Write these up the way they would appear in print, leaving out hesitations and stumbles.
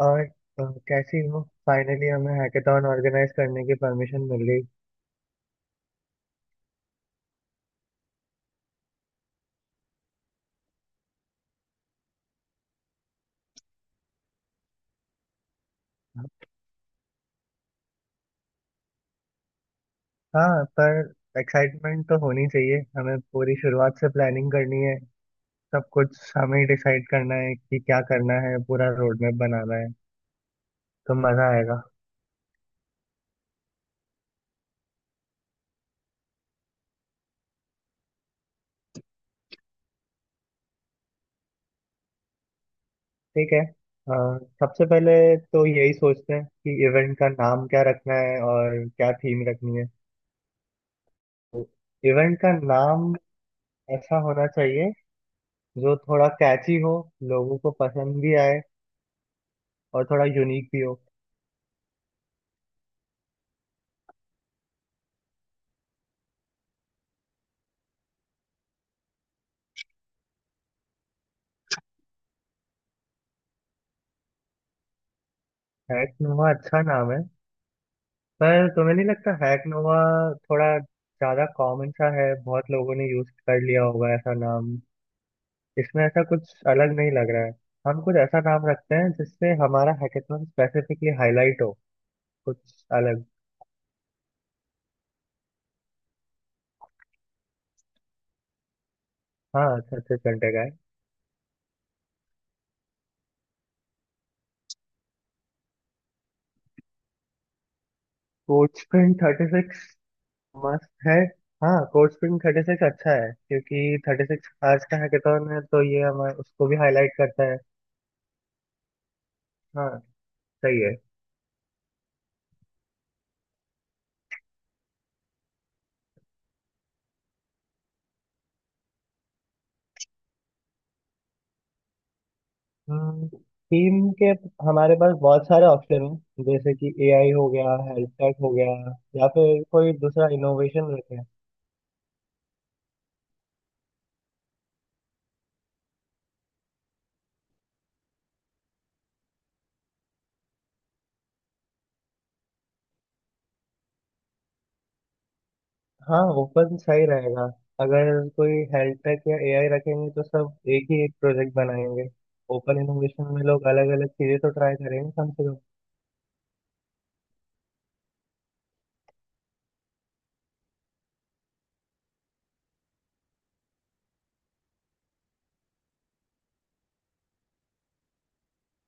और, कैसी हो। फाइनली हमें हैकेथॉन ऑर्गेनाइज करने की परमिशन मिल गई। हाँ, पर एक्साइटमेंट तो होनी चाहिए। हमें पूरी शुरुआत से प्लानिंग करनी है। सब कुछ हमें ही डिसाइड करना है कि क्या करना है, पूरा रोड मैप बनाना है। तो मज़ा आएगा। ठीक है, सबसे पहले तो यही सोचते हैं कि इवेंट का नाम क्या रखना है और क्या थीम रखनी है। तो इवेंट का नाम ऐसा होना चाहिए जो थोड़ा कैची हो, लोगों को पसंद भी आए और थोड़ा यूनिक भी हो। हैक नोवा अच्छा नाम है। पर तुम्हें नहीं लगता हैक नोवा थोड़ा ज्यादा कॉमन सा है, बहुत लोगों ने यूज कर लिया होगा ऐसा नाम। इसमें ऐसा कुछ अलग नहीं लग रहा है। हम कुछ ऐसा नाम रखते हैं जिससे हमारा हैकेथॉन स्पेसिफिकली हाईलाइट हो, कुछ अलग। हाँ, 36 घंटे का है। कोड स्प्रिंट 36 मस्त है। हाँ, कोड स्प्रिंट 36 अच्छा है क्योंकि 36 आज का हैकेथॉन है, तो ये हमारे उसको भी हाईलाइट करता है। हाँ, सही है। थीम के हमारे पास बहुत सारे ऑप्शन हैं, जैसे कि एआई हो गया, हेल्थ टेक हो गया, या फिर कोई दूसरा इनोवेशन रखें। हाँ, ओपन सही रहेगा। अगर कोई हेल्थ टेक या एआई रखेंगे तो सब एक ही एक प्रोजेक्ट बनाएंगे। ओपन इनोवेशन में लोग अलग अलग चीजें तो ट्राई करेंगे, कम से कम।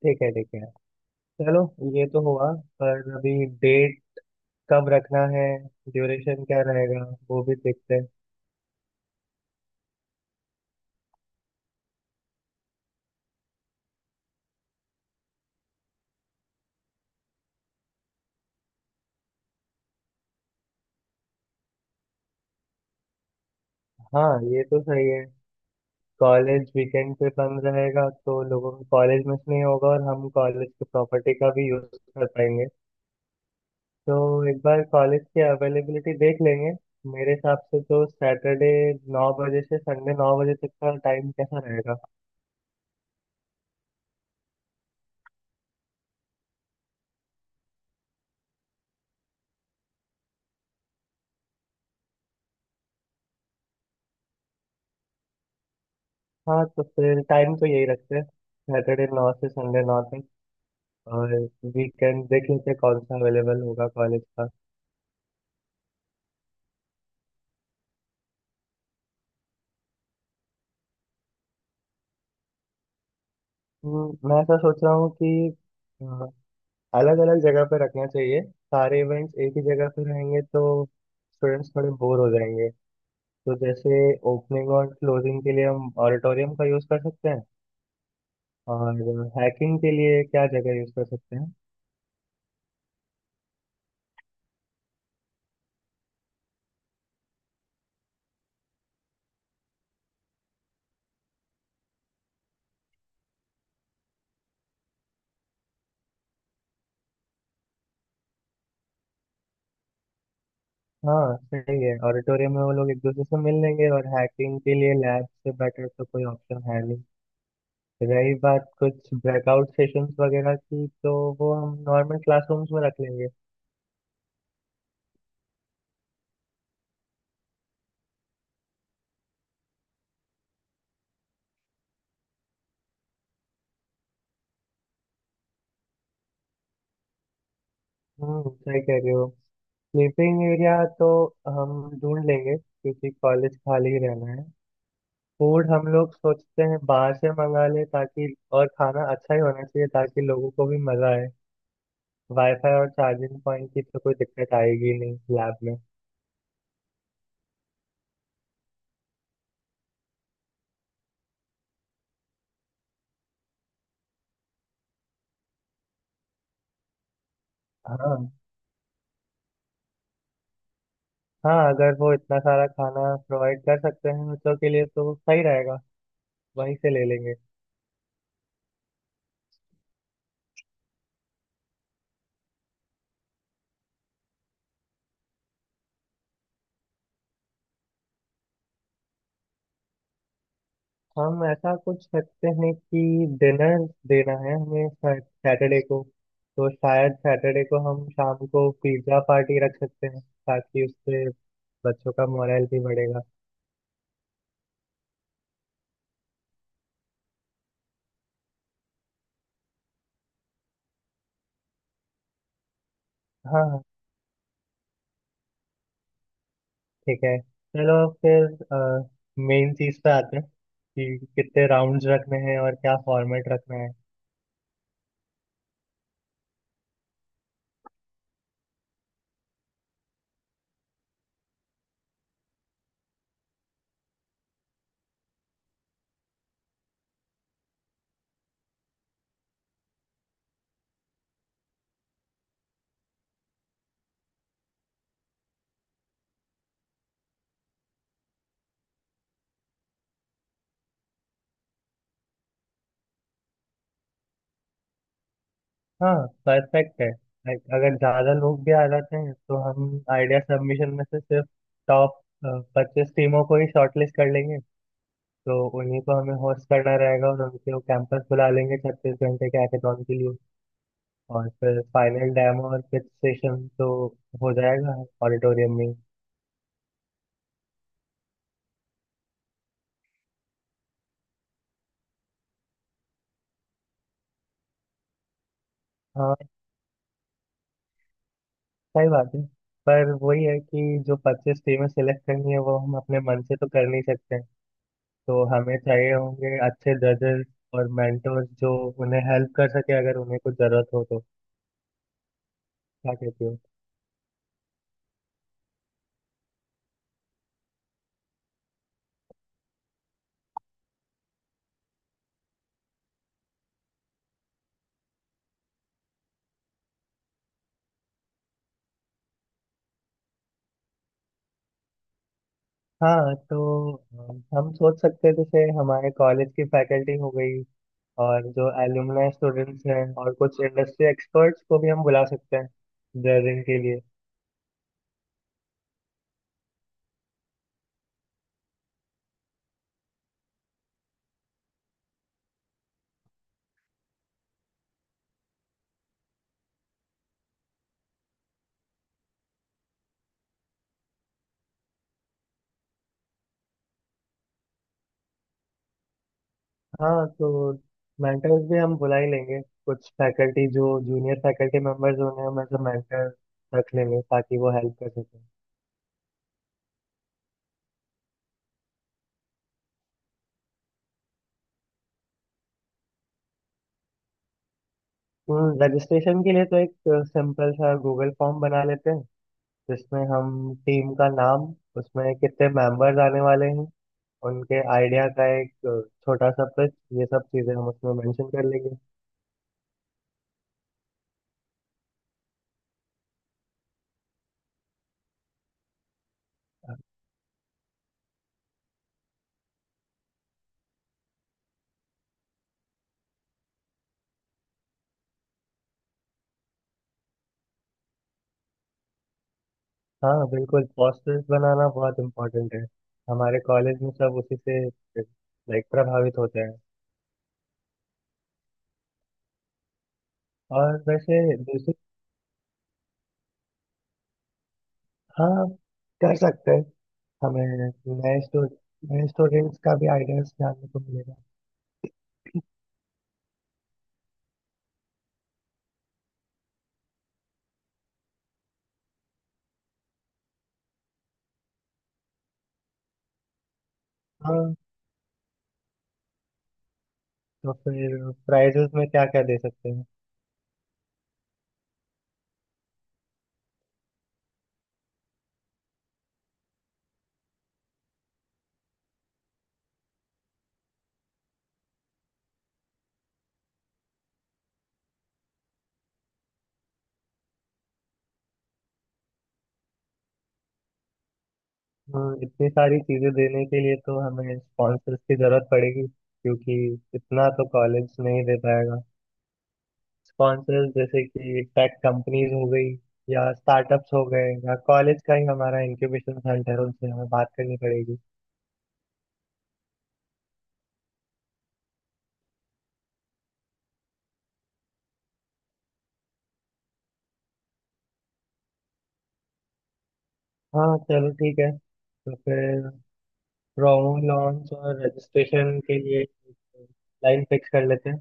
ठीक है, ठीक है। चलो, ये तो हुआ, पर अभी डेट कब रखना है, ड्यूरेशन क्या रहेगा, वो भी देखते हैं। हाँ, ये तो सही है। कॉलेज वीकेंड पे बंद रहेगा तो लोगों को कॉलेज मिस नहीं होगा और हम कॉलेज की प्रॉपर्टी का भी यूज कर पाएंगे। तो एक बार कॉलेज की अवेलेबिलिटी देख लेंगे। मेरे हिसाब से तो सैटरडे 9 बजे से संडे 9 बजे तक का टाइम कैसा रहेगा। हाँ, तो फिर टाइम तो यही रखते हैं, सैटरडे 9 से संडे 9 तक। और वीकेंड देख लेते हैं कौन सा अवेलेबल होगा कॉलेज का। मैं ऐसा सोच रहा हूँ कि अलग अलग जगह पे रखना चाहिए। सारे इवेंट्स एक ही जगह पे रहेंगे तो स्टूडेंट्स थोड़े बोर हो जाएंगे। तो जैसे, ओपनिंग और क्लोजिंग के लिए हम ऑडिटोरियम का यूज़ कर सकते हैं, और हैकिंग के लिए क्या जगह यूज़ कर सकते हैं। हाँ, सही है, ऑडिटोरियम में वो लोग एक दूसरे से मिल लेंगे और हैकिंग के लिए लैब से बेटर तो कोई ऑप्शन है नहीं। रही बात कुछ ब्रेकआउट सेशंस वगैरह की, तो वो हम नॉर्मल क्लासरूम्स में रख लेंगे। सही कह रहे हो। स्लीपिंग एरिया तो हम ढूंढ लेंगे क्योंकि कॉलेज खाली रहना है। फूड हम लोग सोचते हैं बाहर से मंगा ले, ताकि और खाना अच्छा ही होना चाहिए ताकि लोगों को भी मजा आए। वाईफाई और चार्जिंग पॉइंट की तो कोई दिक्कत आएगी नहीं लैब में। हाँ, हाँ, अगर वो इतना सारा खाना प्रोवाइड कर सकते हैं बच्चों के लिए तो सही रहेगा, वहीं से ले लेंगे। हम ऐसा कुछ करते हैं कि डिनर देना है हमें सैटरडे को, तो शायद सैटरडे को हम शाम को पिज्ज़ा पार्टी रख सकते हैं ताकि उससे बच्चों का मोरल भी बढ़ेगा। हाँ, हाँ, ठीक है। चलो, फिर मेन चीज़ पे आते हैं कि कितने राउंड्स रखने हैं और क्या फॉर्मेट रखना है। हाँ, परफेक्ट है। लाइक अगर ज़्यादा लोग भी आ जाते हैं तो हम आइडिया सबमिशन में से सिर्फ टॉप 25 टीमों को ही शॉर्टलिस्ट कर लेंगे। तो उन्हीं को हमें होस्ट करना रहेगा और उनके वो कैंपस बुला लेंगे 36 घंटे के हैकाथॉन के लिए। और फिर फाइनल डेमो और पिच सेशन तो हो जाएगा ऑडिटोरियम में ही। हाँ, सही बात है। पर वही है कि जो 25 टीमें सिलेक्ट करनी है वो हम अपने मन से तो कर नहीं सकते हैं। तो हमें चाहिए होंगे अच्छे जजेस और मेंटोर्स जो उन्हें हेल्प कर सके, अगर उन्हें कुछ जरूरत हो तो। क्या कहती हो? हाँ, तो हम सोच सकते हैं जैसे हमारे कॉलेज की फैकल्टी हो गई, और जो एलुमनाई स्टूडेंट्स हैं, और कुछ इंडस्ट्री एक्सपर्ट्स को भी हम बुला सकते हैं जजिंग के लिए। हाँ, तो मेंटर्स भी हम बुला ही लेंगे। कुछ फैकल्टी जो जूनियर फैकल्टी मेंबर्स होंगे हम एज मेंटर रख लेंगे ताकि वो हेल्प कर सकें। रजिस्ट्रेशन के लिए तो एक सिंपल सा गूगल फॉर्म बना लेते हैं, जिसमें हम टीम का नाम, उसमें कितने मेंबर्स आने वाले हैं, उनके आइडिया का एक छोटा सा पिच, ये सब चीज़ें हम उसमें मेंशन कर लेंगे। हाँ, बिल्कुल, पोस्टर्स बनाना बहुत इम्पोर्टेंट है। हमारे कॉलेज में सब उसी से लाइक प्रभावित होते हैं। और वैसे दूसरी, हाँ, कर सकते हैं। हमें नए स्टूडेंट नए स्टूडेंट्स का भी आइडियाज जानने को मिलेगा। हाँ, तो फिर प्राइजेस में क्या क्या दे सकते हैं। इतनी सारी चीजें देने के लिए तो हमें स्पॉन्सर्स की जरूरत पड़ेगी क्योंकि इतना तो कॉलेज नहीं दे पाएगा। स्पॉन्सर्स जैसे कि टेक कंपनीज हो गई, या स्टार्टअप्स हो गए, या कॉलेज का ही हमारा इंक्यूबेशन सेंटर है, उनसे हमें बात करनी पड़ेगी। हाँ, चलो ठीक है। तो फिर प्रोमो लॉन्च और रजिस्ट्रेशन के लिए लाइन फिक्स कर लेते हैं।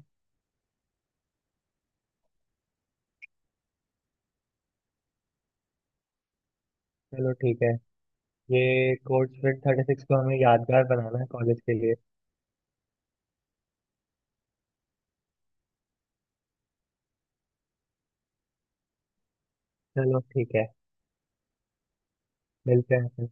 चलो ठीक है। ये कोर्स फिट 36 को हमें यादगार बनाना है कॉलेज के लिए। चलो ठीक है। मिलते हैं फिर।